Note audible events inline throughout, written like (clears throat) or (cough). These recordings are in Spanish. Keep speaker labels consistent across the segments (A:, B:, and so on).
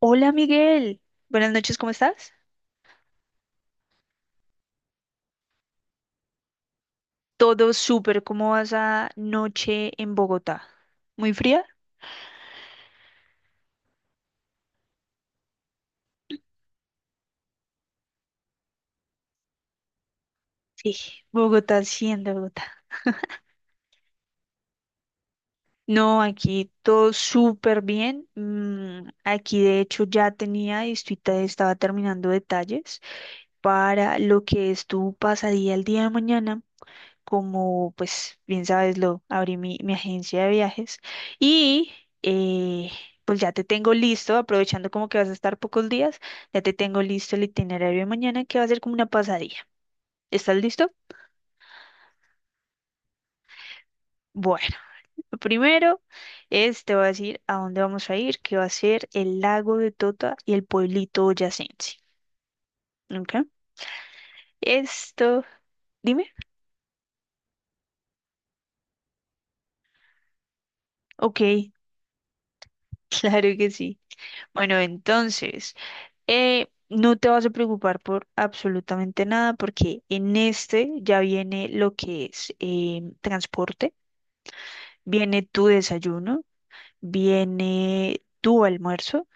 A: Hola Miguel, buenas noches, ¿cómo estás? Todo súper, ¿cómo vas a noche en Bogotá? ¿Muy fría? Sí, Bogotá, siendo Bogotá. No, aquí todo súper bien. Aquí de hecho ya tenía y estaba terminando detalles para lo que es tu pasadía el día de mañana. Como pues bien sabes, lo abrí mi agencia de viajes y eh, pues ya te tengo listo, aprovechando como que vas a estar pocos días, ya te tengo listo el itinerario de mañana que va a ser como una pasadilla. ¿Estás listo? Bueno, lo primero es, te voy a decir a dónde vamos a ir, que va a ser el lago de Tota y el pueblito boyacense. ¿Ok? Esto, dime. Ok, (laughs) claro que sí. Bueno, entonces... No te vas a preocupar por absolutamente nada porque en este ya viene lo que es transporte, viene tu desayuno, viene tu almuerzo,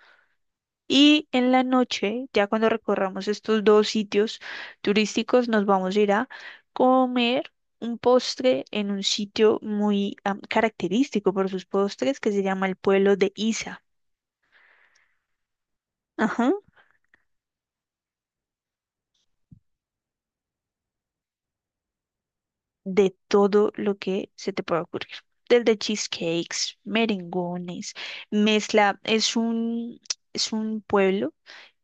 A: y en la noche, ya cuando recorramos estos dos sitios turísticos, nos vamos a ir a comer un postre en un sitio muy característico por sus postres, que se llama el pueblo de Isa. De todo lo que se te pueda ocurrir. Desde cheesecakes, merengones, mezcla. es un pueblo,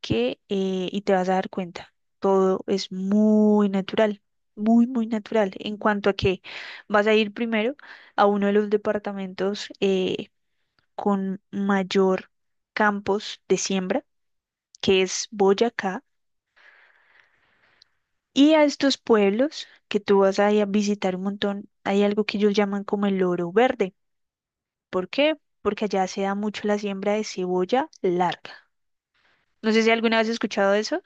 A: que y te vas a dar cuenta, todo es muy natural, muy, muy natural. En cuanto a que vas a ir primero a uno de los departamentos con mayor campos de siembra, que es Boyacá. Y a estos pueblos que tú vas a ir a visitar un montón, hay algo que ellos llaman como el oro verde. ¿Por qué? Porque allá se da mucho la siembra de cebolla larga. No sé si alguna vez has escuchado eso.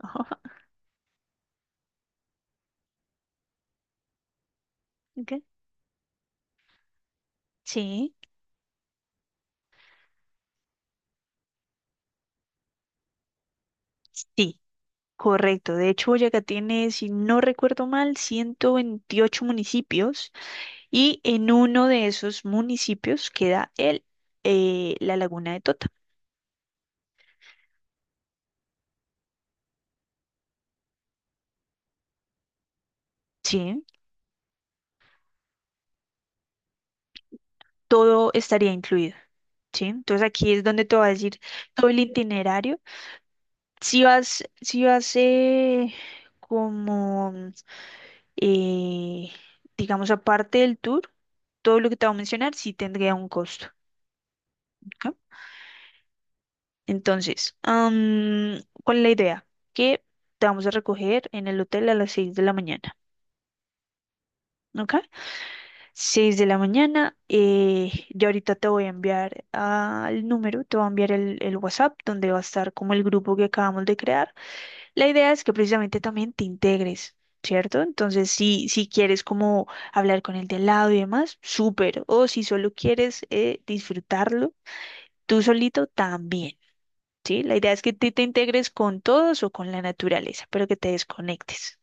A: (laughs) Ok. Sí, sí, correcto. De hecho, Boyacá tiene, si no recuerdo mal, 128 municipios, y en uno de esos municipios queda la Laguna de Tota. Sí, todo estaría incluido. Sí, entonces aquí es donde te va a decir todo el itinerario. Si vas como... Eh, digamos, aparte del tour, todo lo que te voy a mencionar sí tendría un costo. ¿Ok? Entonces, ¿cuál es la idea? Que te vamos a recoger en el hotel a las 6 de la mañana. ¿Ok? 6 de la mañana. Yo ahorita te voy a enviar al número, te voy a enviar el, WhatsApp donde va a estar como el grupo que acabamos de crear. La idea es que precisamente también te integres, ¿cierto? Entonces, si quieres como hablar con el de al lado y demás, súper. O si solo quieres disfrutarlo tú solito, también, ¿sí? La idea es que te integres con todos o con la naturaleza, pero que te desconectes.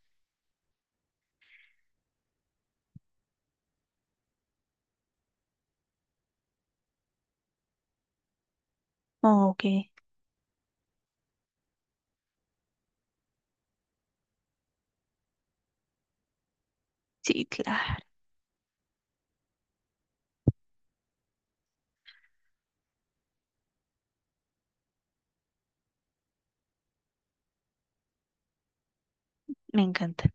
A: Ok, sí, claro, me encanta.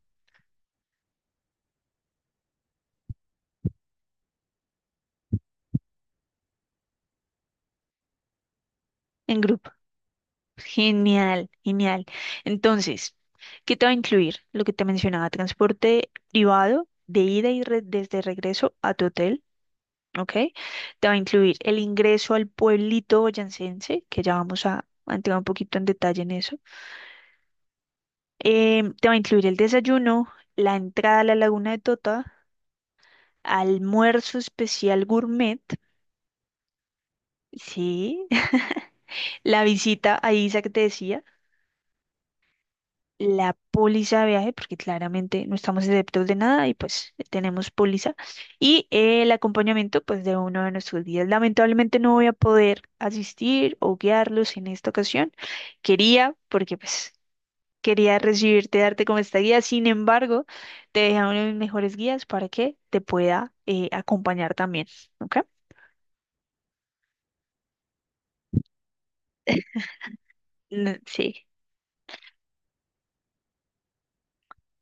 A: En grupo. Genial, genial. Entonces, ¿qué te va a incluir? Lo que te mencionaba: transporte privado de ida y desde regreso a tu hotel. ¿Ok? Te va a incluir el ingreso al pueblito boyacense, que ya vamos a entrar un poquito en detalle en eso. Te va a incluir el desayuno, la entrada a la Laguna de Tota, almuerzo especial gourmet, sí, (laughs) la visita a Isa que te decía, la póliza de viaje, porque claramente no estamos exceptos de nada y pues tenemos póliza, y el acompañamiento pues de uno de nuestros guías. Lamentablemente no voy a poder asistir o guiarlos en esta ocasión. Quería, porque pues quería recibirte, darte como esta guía, sin embargo, te dejé a uno de mis mejores guías para que te pueda acompañar también, ¿ok? Sí.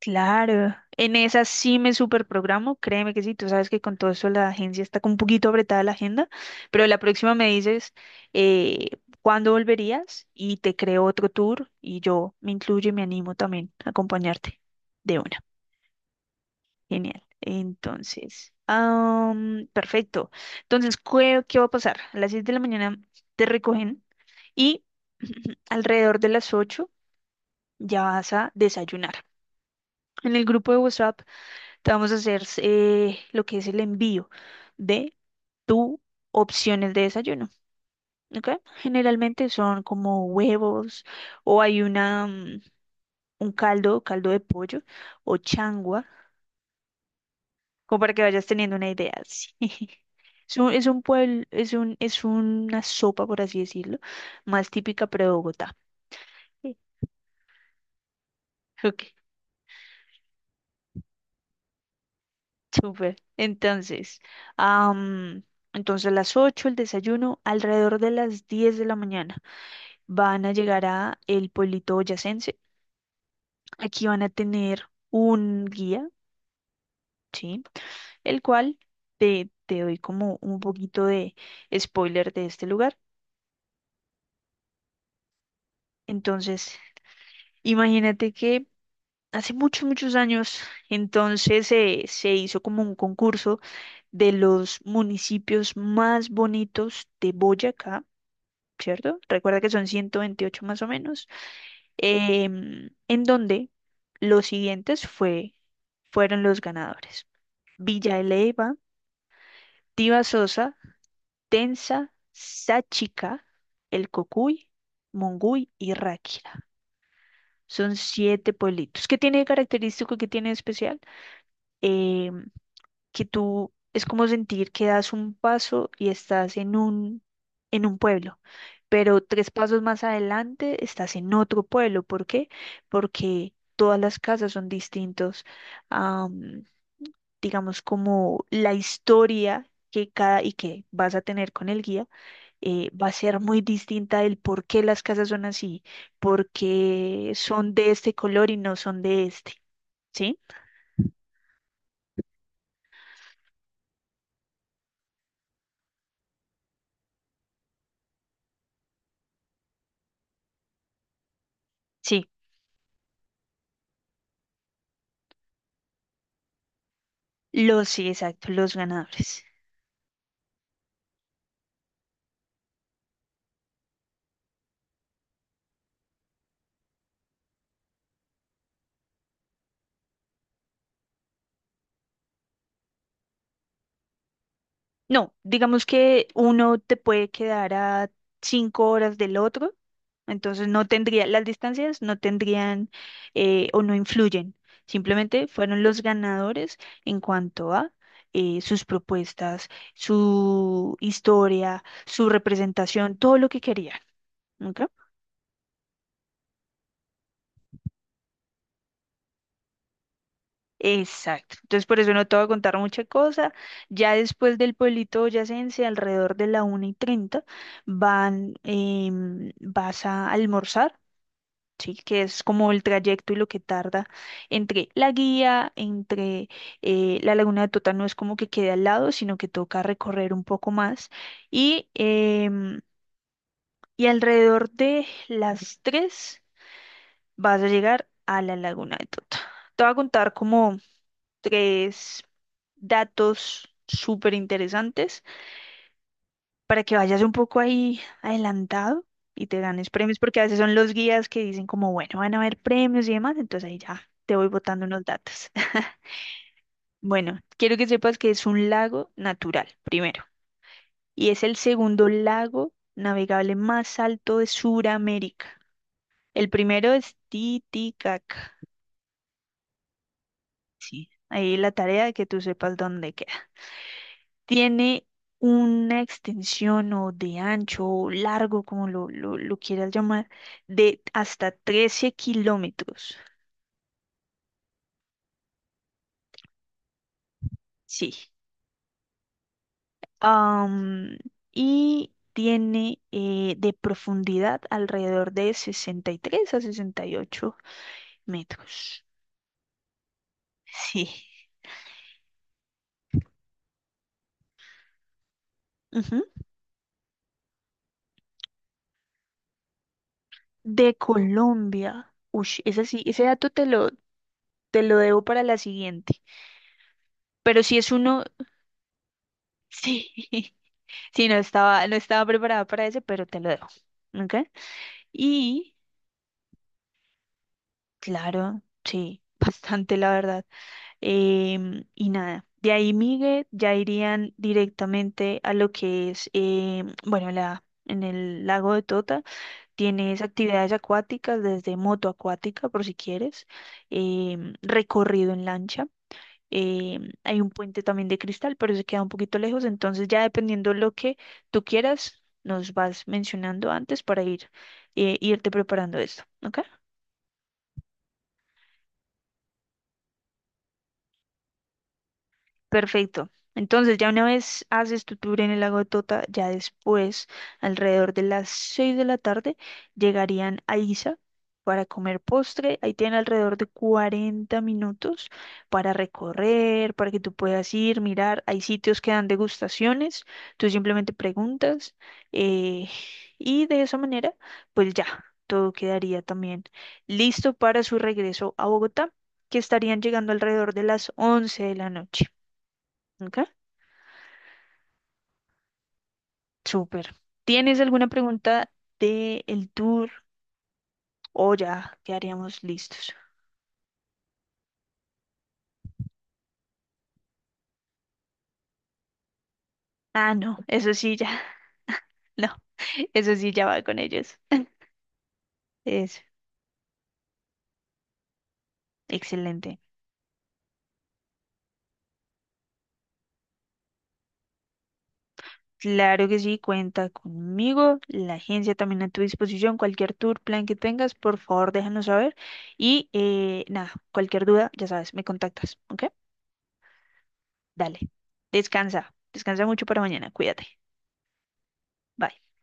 A: Claro, en esa sí me superprogramo, créeme que sí, tú sabes que con todo eso la agencia está con un poquito apretada la agenda, pero la próxima me dices eh, cuándo volverías y te creo otro tour y yo me incluyo y me animo también a acompañarte de una. Genial. Entonces, perfecto. Entonces, ¿qué va a pasar? A las 6 de la mañana te recogen y (clears throat) alrededor de las 8 ya vas a desayunar. En el grupo de WhatsApp te vamos a hacer lo que es el envío de tu opciones de desayuno, ¿ok? Generalmente son como huevos, o hay un caldo de pollo o changua, como para que vayas teniendo una idea. Sí. (laughs) Es un pueblo, es un, es una sopa, por así decirlo, más típica pero de Bogotá. (laughs) Sí. Ok, súper. Am, entonces, a las 8 el desayuno, alrededor de las 10 de la mañana van a llegar a el pueblito boyacense. Aquí van a tener un guía, ¿sí? El cual te, doy como un poquito de spoiler de este lugar. Entonces, imagínate que hace muchos, muchos años, entonces se hizo como un concurso de los municipios más bonitos de Boyacá, ¿cierto? Recuerda que son 128 más o menos. En donde los siguientes fueron los ganadores: Villa Eleva, Tiva Sosa, Tensa, Sáchica, El Cocuy, Monguy y Ráquira. Son siete pueblitos. ¿Qué tiene de característico? ¿Qué tiene de especial? Em, que tú es como sentir que das un paso y estás en un pueblo, pero tres pasos más adelante estás en otro pueblo. ¿Por qué? Porque todas las casas son distintos, am, digamos, como la historia que cada y que vas a tener con el guía va a ser muy distinta del por qué las casas son así, por qué son de este color y no son de este, ¿sí? Sí, sí, exacto, los ganadores. No, digamos que uno te puede quedar a 5 horas del otro, entonces no tendría, las distancias no tendrían o no influyen, simplemente fueron los ganadores en cuanto a sus propuestas, su historia, su representación, todo lo que querían. ¿Ok? Exacto. Entonces por eso no te voy a contar mucha cosa. Ya después del pueblito boyacense, alrededor de la 1:30 van, vas a almorzar, ¿sí? Que es como el trayecto y lo que tarda entre la guía, entre la Laguna de Tota no es como que quede al lado, sino que toca recorrer un poco más. Y, y alrededor de las 3 vas a llegar a la Laguna de Tota. Te voy a contar como tres datos súper interesantes para que vayas un poco ahí adelantado y te ganes premios, porque a veces son los guías que dicen como, bueno, van a haber premios y demás, entonces ahí ya te voy botando unos datos. (laughs) Bueno, quiero que sepas que es un lago natural, primero, y es el segundo lago navegable más alto de Sudamérica. El primero es Titicaca. Sí, ahí la tarea de que tú sepas dónde. Tiene una extensión o de ancho o largo, como lo quieras llamar, de hasta 13 kilómetros. Sí. Am, y tiene de profundidad alrededor de 63 a 68 metros. Sí. Ujú. De Colombia. Uy, ese sí, ese dato te lo, debo para la siguiente. Pero si es uno, (laughs) sí. Sí, no estaba preparada para eso, pero te lo dejo. ¿Ok? Y claro, sí, (laughs) bastante la verdad. Y nada, de ahí, Miguel, ya irían directamente a lo que es, bueno, en el lago de Tota tienes actividades acuáticas, desde moto acuática, por si quieres, recorrido en lancha. eh, Hay un puente también de cristal, pero se queda un poquito lejos, entonces ya dependiendo lo que tú quieras, nos vas mencionando antes para ir, irte preparando esto, ¿ok? Perfecto. Entonces, ya una vez haces tu tour en el lago de Tota, ya después, alrededor de las 6 de la tarde, llegarían a Isa para comer postre. Ahí tienen alrededor de 40 minutos para recorrer, para que tú puedas ir, mirar. Hay sitios que dan degustaciones, tú simplemente preguntas, eh, y de esa manera, pues ya, todo quedaría también listo para su regreso a Bogotá, que estarían llegando alrededor de las 11 de la noche. Ok, súper. ¿Tienes alguna pregunta de el tour o ya quedaríamos listos? Ah, no, eso sí ya, (laughs) no, eso sí ya va con ellos. Es excelente. Claro que sí, cuenta conmigo, la agencia también a tu disposición, cualquier tour, plan que tengas, por favor déjanos saber, y nada, cualquier duda, ya sabes, me contactas, ¿ok? Dale, descansa, descansa mucho para mañana, cuídate, bye.